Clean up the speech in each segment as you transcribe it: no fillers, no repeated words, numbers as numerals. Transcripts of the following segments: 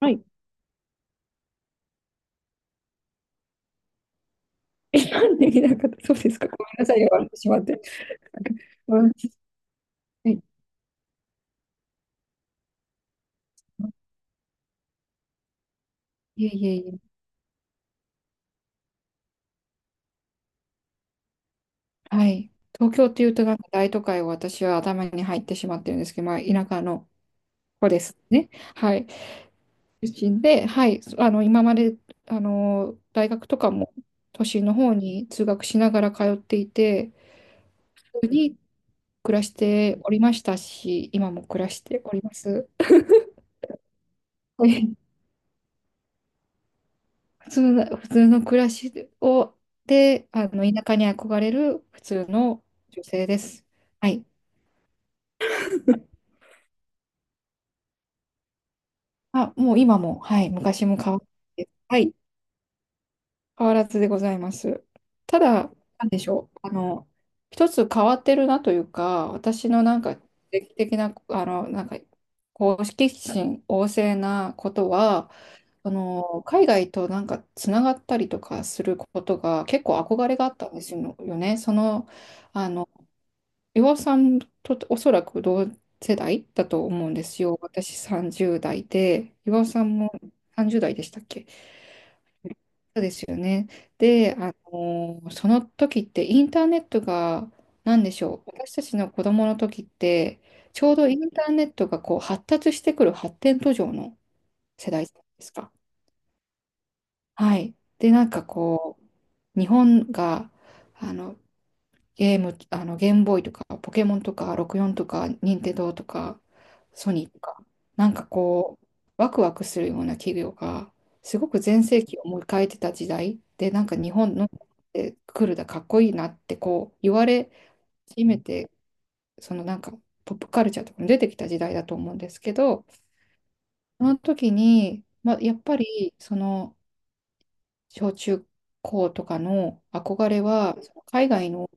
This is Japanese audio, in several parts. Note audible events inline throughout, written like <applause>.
はい。なんできなかった、<laughs> そうですか。ごめんなさいよ、笑ってしまって。うん。はい。いえいえいえ。はい。東京っていうと、なんか大都会を私は頭に入ってしまってるんですけど、まあ、田舎の子ですね。はい。出身で、はい。今まで、大学とかも都心の方に通学しながら通っていて、普通に暮らしておりましたし、今も暮らしております。はい。普通の、普通の暮らしを、で、田舎に憧れる普通の女性です。はい。あ、もう今も、はい、昔も変わらず、はい、変わらずでございます。ただ、なんでしょう、一つ変わってるなというか、私のなんか、定期的な、なんか、こう好奇心旺盛なことは、海外となんかつながったりとかすることが結構憧れがあったんですよね。そのあの、岩尾さんとおそらく同世代だと思うんですよ。私30代で、岩尾さんも30代でしたっけ。そうですよね。で、その時ってインターネットが何でしょう、私たちの子供の時って、ちょうどインターネットがこう発達してくる発展途上の世代じゃないですか。はい。で、なんかこう、日本があのゲーム、ゲームボーイとか、ポケモンとか、64とか、任天堂とか、ソニーとか、なんかこう、ワクワクするような企業が、すごく全盛期を迎えてた時代で、なんか日本のえ来るだ、かっこいいなって、こう、言われ始めて、そのなんか、ポップカルチャーとかも出てきた時代だと思うんですけど、その時に、まあ、やっぱり、その、小中高とかの憧れは、その海外の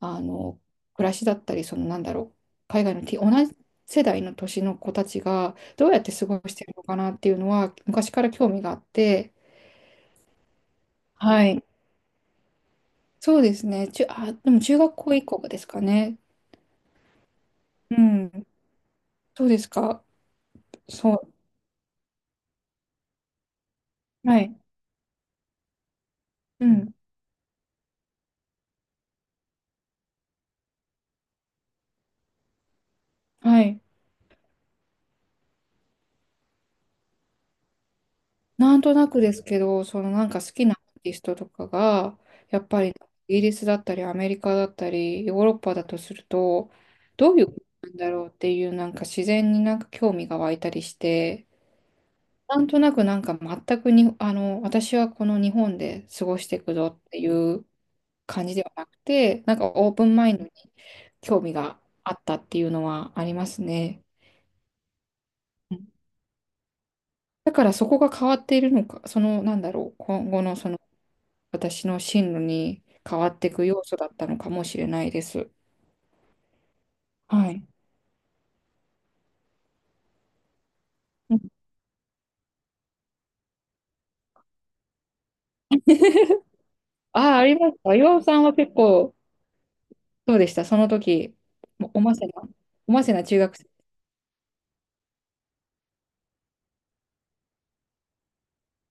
あの暮らしだったり、そのなんだろう、海外の同じ世代の年の子たちがどうやって過ごしてるのかなっていうのは昔から興味があって、はい。そうですね、でも中学校以降ですかね。うん、そうですか、そう、はい、うん、はい。なんとなくですけど、そのなんか好きなアーティストとかが、やっぱりイギリスだったりアメリカだったりヨーロッパだとすると、どういうことなんだろうっていうなんか自然になんか興味が湧いたりして、なんとなくなんか全くに、私はこの日本で過ごしていくぞっていう感じではなくて、なんかオープンマインドに興味があったっていうのはありますね。うん。だからそこが変わっているのか、そのなんだろう、今後のその私の進路に変わっていく要素だったのかもしれないです。はい。うん。ああ、ありますか。岩尾さんは結構、どうでしたその時、もおませな、おませな中学生、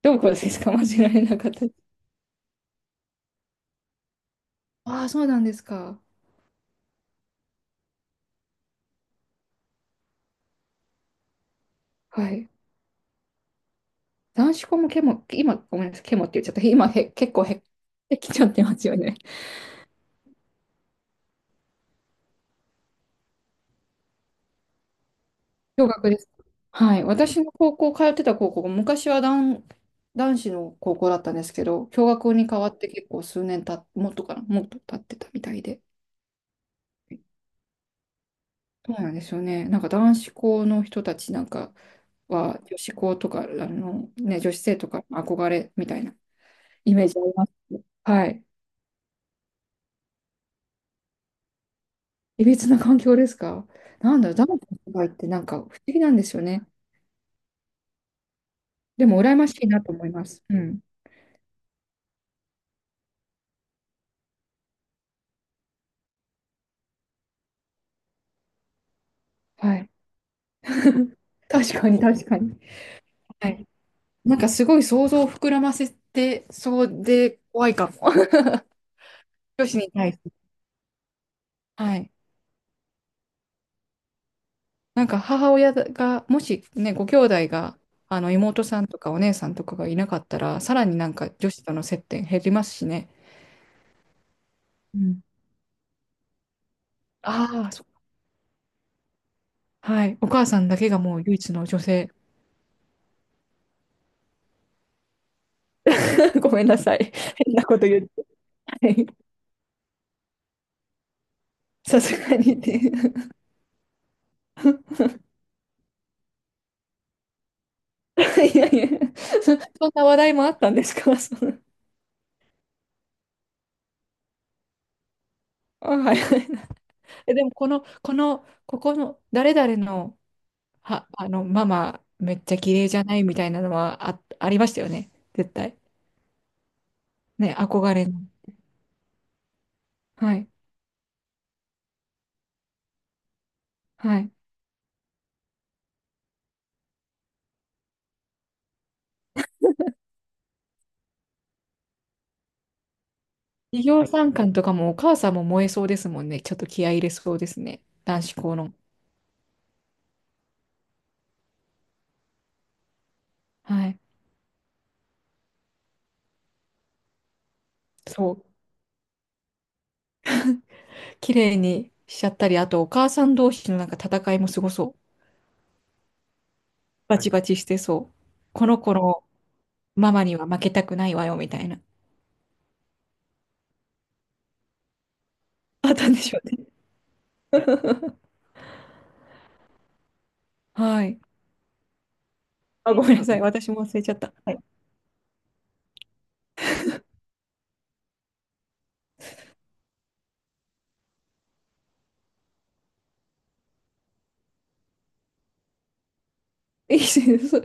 どうこうですか間違えなかった。ああ、そうなんですか。はい。男子校もケモ、今、ごめんなさい、ケモって言っちゃった。今へ、結構へ、できちゃってますよね。共学です。はい。私の高校、通ってた高校が昔は男、男子の高校だったんですけど、共学に変わって結構数年た、もっとかな、もっと経ってたみたいで。そうなんですよね。なんか男子校の人たちなんかは、女子校とか、ね、女子生とか憧れみたいなイメージあります。はい。いびつな環境ですか。なんだろう、男子の世界ってなんか不思議なんですよね。でも羨ましいなと思います。うん。はい。<laughs> 確かに、確かに。はい。なんかすごい想像を膨らませてそうで怖いかも。<laughs> 女子に対して。はい。なんか母親が、もしね、ご兄弟が、あの妹さんとかお姉さんとかがいなかったら、さらになんか女子との接点減りますしね。うん。ああ、そ。はい。お母さんだけがもう唯一の女性。<laughs> ごめんなさい。変なこと言って。はい。さすがにね。<laughs> いやいや、そ、そんな話題もあったんですかその。あ、はい。<laughs> えでも、この、この、ここの、誰々のは、ママ、めっちゃ綺麗じゃないみたいなのはあ、ありましたよね。絶対。ね、憧れの。はい。はい。企業参観とかもお母さんも燃えそうですもんね。ちょっと気合い入れそうですね。男子校の。はい。そう。綺麗にしちゃったり、あとお母さん同士のなんか戦いもすごそう。バチバチしてそう。この子のママには負けたくないわよ、みたいな。あったんでしょうね。はい。あ、ごめんなさい。私も忘れちゃった。はい。いいし <laughs> そ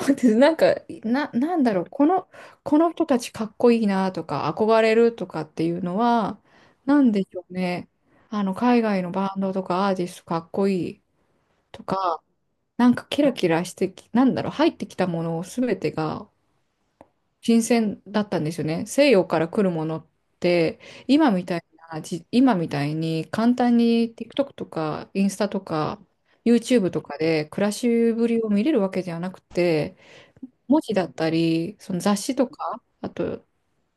そうです。なんか、な、なんだろう。この、この人たちかっこいいなとか、憧れるとかっていうのは、なんでしょうね。海外のバンドとかアーティストかっこいいとか、なんかキラキラしてき、なんだろう、入ってきたものすべてが新鮮だったんですよね。西洋から来るものって、今みたいな、じ、今みたいに簡単に TikTok とかインスタとか YouTube とかで暮らしぶりを見れるわけじゃなくて、文字だったり、その雑誌とか、あと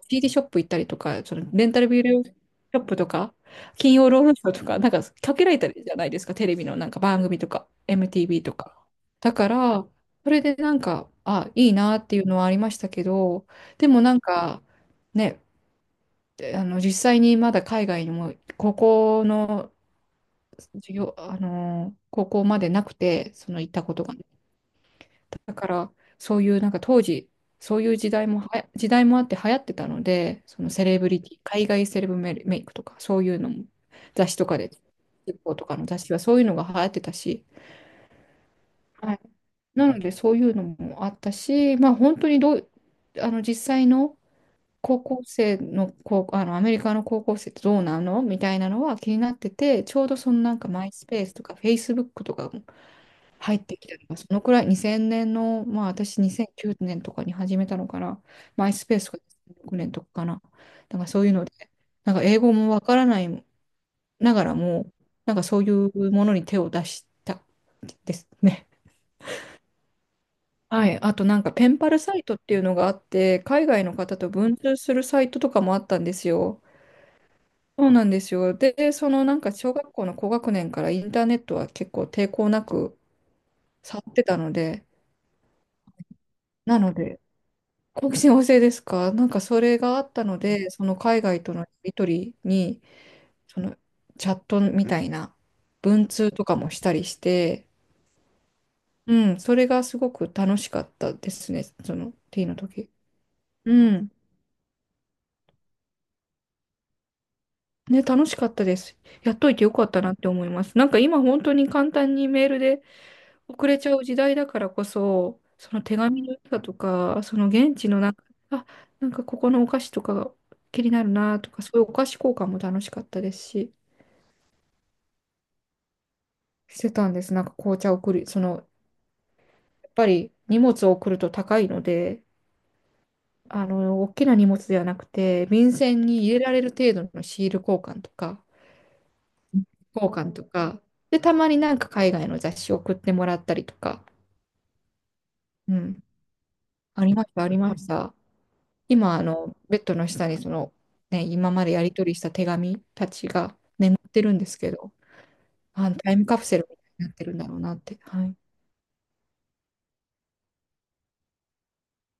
CD ショップ行ったりとか、そのレンタルビデオショップとか、金曜ロードショーとか、なんかかけられたりじゃないですか、テレビのなんか番組とか、MTV とか。だから、それでなんか、あ、いいなっていうのはありましたけど、でもなんか、ね、あの実際にまだ海外にも高校の授業、あの高校までなくて、その行ったことがね。だからそういうなんか当時そういう時代もはや時代もあって流行ってたので、そのセレブリティ海外セレブメメイクとかそういうのも雑誌とかで日報とかの雑誌はそういうのが流行ってたし、はい。なのでそういうのもあったし、まあ、本当にどう実際の高校生の高あのアメリカの高校生ってどうなのみたいなのは気になってて、ちょうどそのなんかマイスペースとかフェイスブックとか入ってきたのが、そのくらい2000年の、まあ私2009年とかに始めたのかな。マイスペースが2006年とかかな。なんかそういうので、なんか英語もわからないながらも、なんかそういうものに手を出したですね。はい。あとなんかペンパルサイトっていうのがあって、海外の方と文通するサイトとかもあったんですよ。そうなんですよ。で、そのなんか小学校の高学年からインターネットは結構抵抗なく触ってたので、なので、好奇心旺盛ですか。なんかそれがあったので、その海外とのやり取りに、そのチャットみたいな文通とかもしたりして、うん、それがすごく楽しかったですね、その T の時。うん。ね、楽しかったです。やっといてよかったなって思います。なんか今本当に簡単にメールで送れちゃう時代だからこそ、その手紙の良さとか、その現地のなんか、あ、なんかここのお菓子とかが気になるなとか、そういうお菓子交換も楽しかったですし。してたんです。なんか紅茶を送る、その、やっぱり荷物を送ると高いので、大きな荷物ではなくて、便箋に入れられる程度のシール交換とか、交換とか、で、たまになんか海外の雑誌を送ってもらったりとか、うん、ありました、ありました。今、ベッドの下にその、ね、今までやり取りした手紙たちが眠ってるんですけど、あのタイムカプセルみたいになってるんだろうなって。はい。